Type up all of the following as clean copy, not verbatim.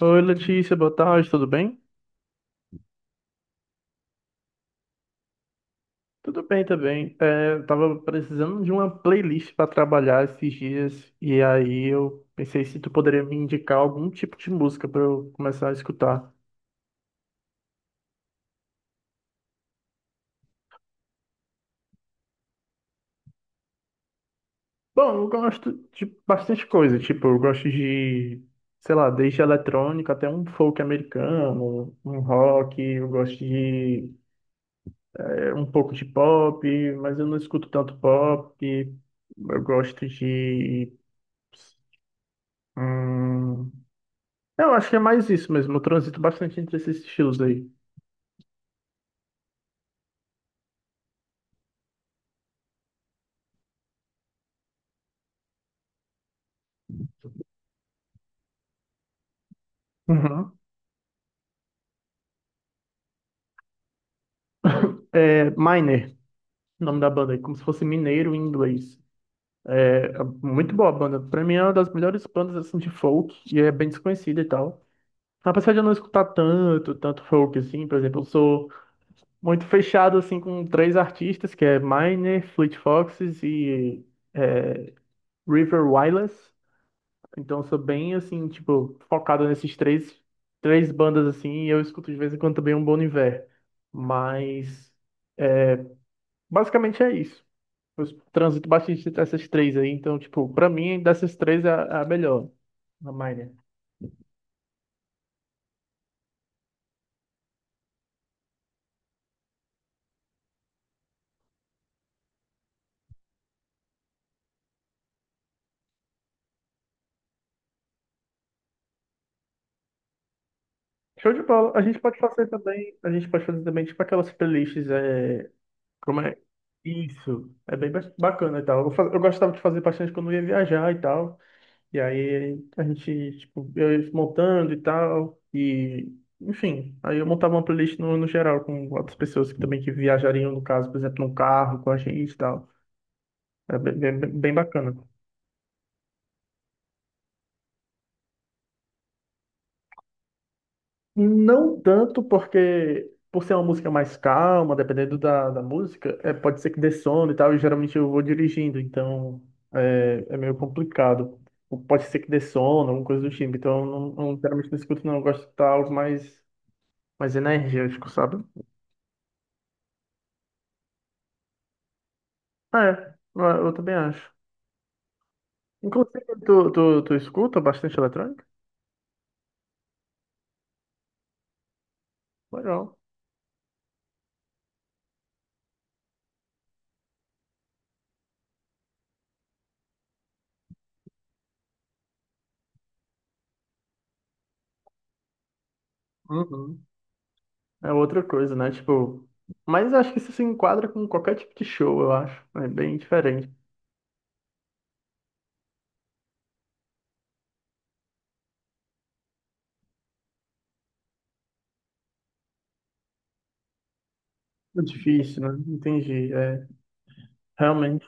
Oi, Letícia, boa tarde, tudo bem? Tudo bem também. Eu tava precisando de uma playlist para trabalhar esses dias e aí eu pensei se tu poderia me indicar algum tipo de música para eu começar a escutar. Bom, eu gosto de bastante coisa, tipo, eu gosto de, sei lá, desde eletrônica até um folk americano, um rock, eu gosto de um pouco de pop, mas eu não escuto tanto pop. Eu gosto de hum, eu acho que é mais isso mesmo. Eu transito bastante entre esses estilos aí. Uhum. É Miner, o nome da banda, é como se fosse mineiro em inglês. É muito boa a banda. Pra mim é uma das melhores bandas assim de folk e é bem desconhecida e tal. Apesar de eu não escutar tanto, tanto folk assim, por exemplo, eu sou muito fechado assim com três artistas, que é Miner, Fleet Foxes e é, River Wireless. Então eu sou bem assim, tipo, focado nesses três, três bandas assim, e eu escuto de vez em quando também um Bon Iver. Mas basicamente é isso. Eu transito bastante entre essas três aí. Então, tipo, pra mim, dessas três é a melhor. A Miner. Show de bola. A gente pode fazer também. A gente pode fazer também, tipo, aquelas playlists. É... como é? Isso. É bem bacana e tal. Eu, eu gostava de fazer bastante quando eu ia viajar e tal. E aí a gente, tipo, eu ia montando e tal. E enfim, aí eu montava uma playlist no geral com outras pessoas que também que viajariam, no caso, por exemplo, num carro com a gente e tal. É bem, bem bacana. Não tanto porque, por ser uma música mais calma, dependendo da música, é, pode ser que dê sono e tal, e geralmente eu vou dirigindo, então é, é meio complicado. Ou pode ser que dê sono, alguma coisa do tipo, então eu não, não, geralmente não escuto, não, eu gosto de estar mais, mais energético, sabe? É, eu também acho. Inclusive, tu escuta bastante eletrônica? Legal. Uhum. É outra coisa, né? Tipo, mas acho que isso se enquadra com qualquer tipo de show, eu acho. É bem diferente. É difícil, né? Entendi, é, realmente.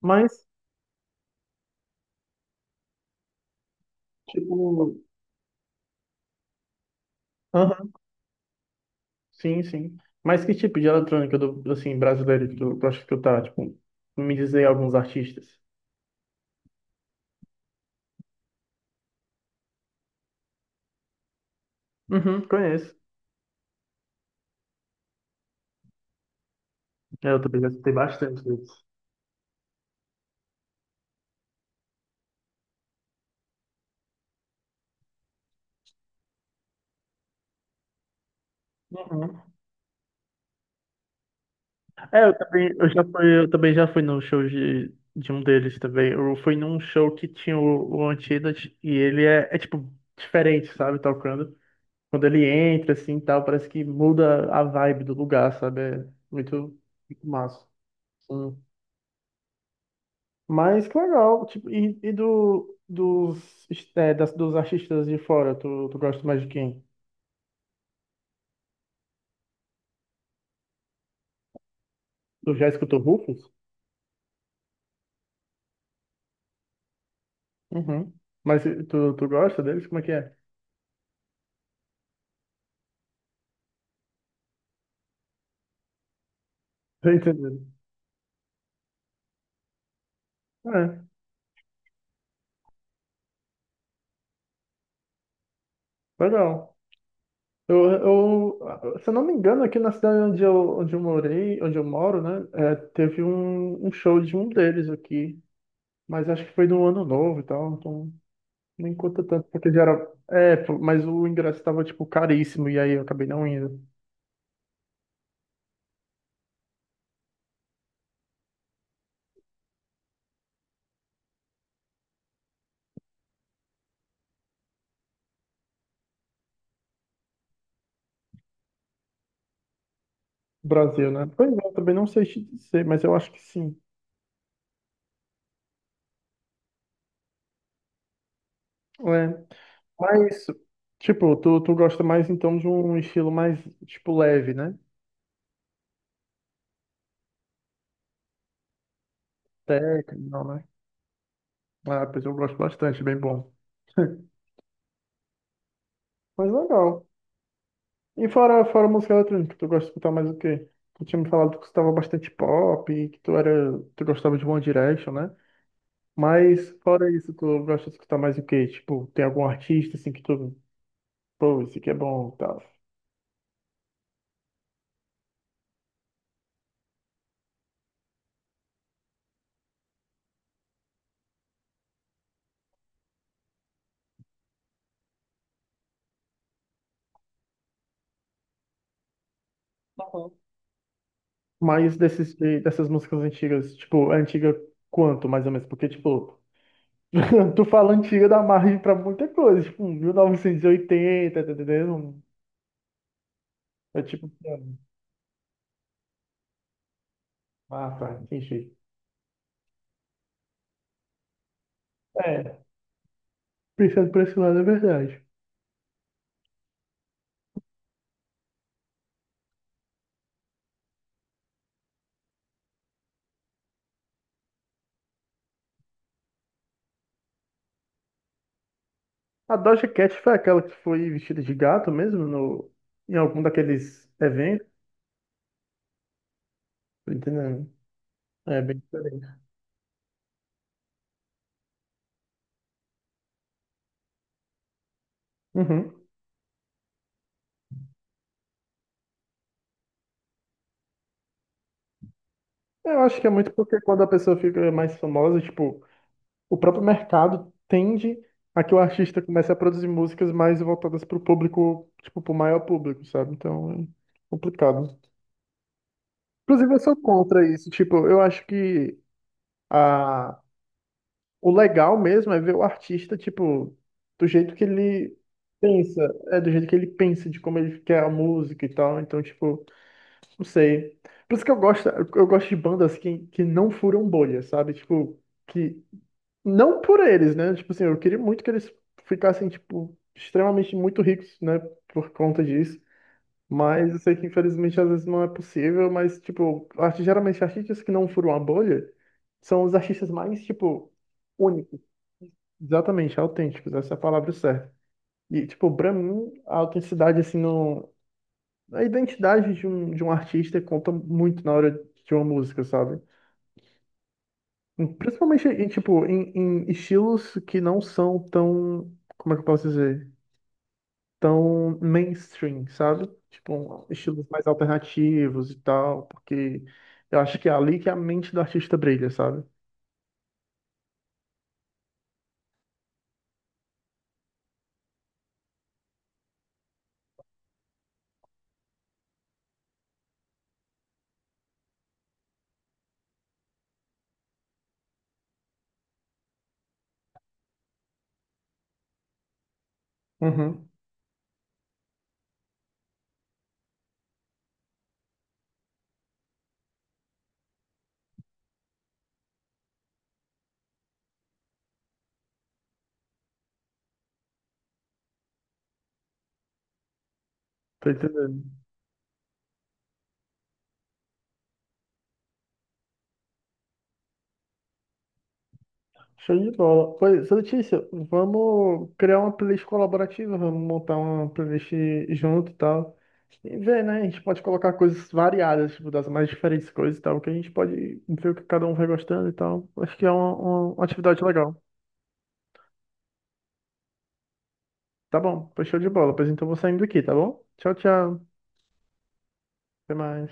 Mas, tipo, aham, sim, sim. Mas que tipo de eletrônica do, assim, brasileiro que tu acha que tu tá, tipo, me diz aí alguns artistas. Uhum, conheço. É, eu também já escutei bastante deles. Uhum. É, eu também, eu já fui, eu também já fui num show de um deles também. Eu fui num show que tinha o Antidote e ele é tipo diferente, sabe, tocando. Quando ele entra, assim, e tal, parece que muda a vibe do lugar, sabe? É muito, muito massa. Sim. Mas que legal, tipo, e do, dos, é, das, dos artistas de fora, tu gosta mais de quem? Tu já escutou Rufus? Uhum. Mas tu gosta deles? Como é que é? Tô entendendo. É, legal. Eu, eu, se eu não me engano, aqui na cidade onde eu morei, onde eu moro, né, é, teve um, um show de um deles aqui, mas acho que foi no ano novo e tal, então não conta tanto, porque já era. É, pô, mas o ingresso estava, tipo, caríssimo, e aí eu acabei não indo. Brasil, né? Pois é, eu também não sei te dizer, mas eu acho que sim. É. Mas, tipo, tu gosta mais então de um estilo mais, tipo, leve, né? Técnico, não, né? Ah, pois eu gosto bastante, bem bom. Mas legal. E fora música eletrônica, tu gosta de escutar mais o quê? Tu tinha me falado que tu estava bastante pop, que tu era, tu gostava de One Direction, né? Mas fora isso, tu gosta de escutar mais o quê? Tipo, tem algum artista assim que tu, pô, esse aqui é bom, e tal. Uhum. Mas desses, dessas músicas antigas, tipo, antiga quanto, mais ou menos? Porque, tipo, tu fala antiga dá margem pra muita coisa, tipo, um 1980, tá entendendo? É tipo, é, ah, tá, entendi. É, pensando por esse lado é verdade. A Doja Cat foi aquela que foi vestida de gato mesmo no, em algum daqueles eventos, tá entendendo? É bem diferente. Uhum. Eu acho que é muito porque quando a pessoa fica mais famosa, tipo, o próprio mercado tende a que o artista comece a produzir músicas mais voltadas para o público, tipo, para o maior público, sabe? Então é complicado. Inclusive, eu sou contra isso. Tipo, eu acho que a... o legal mesmo é ver o artista, tipo, do jeito que ele pensa, é do jeito que ele pensa, de como ele quer a música e tal. Então, tipo, não sei. Por isso que eu gosto de bandas que não furam bolha, sabe? Tipo, que não por eles, né? Tipo assim, eu queria muito que eles ficassem, tipo, extremamente muito ricos, né? Por conta disso. Mas eu sei que infelizmente às vezes não é possível, mas, tipo, geralmente artistas que não furam a bolha são os artistas mais, tipo, únicos. Exatamente, autênticos, essa é a palavra certa. E, tipo, pra mim, a autenticidade, assim, no... a identidade de um artista conta muito na hora de uma música, sabe? Principalmente em, tipo, em, em estilos que não são tão, como é que eu posso dizer? Tão mainstream, sabe? Tipo, estilos mais alternativos e tal, porque eu acho que é ali que a mente do artista brilha, sabe? Uhum. Tô entendendo. Show de bola. Pois, ô, Letícia, vamos criar uma playlist colaborativa, vamos montar uma playlist junto e tal. E ver, né? A gente pode colocar coisas variadas, tipo, das mais diferentes coisas e tal, que a gente pode ver o que cada um vai gostando e tal. Acho que é uma, uma atividade legal. Tá bom, pois show de bola. Pois então eu vou saindo aqui, tá bom? Tchau, tchau. Até mais.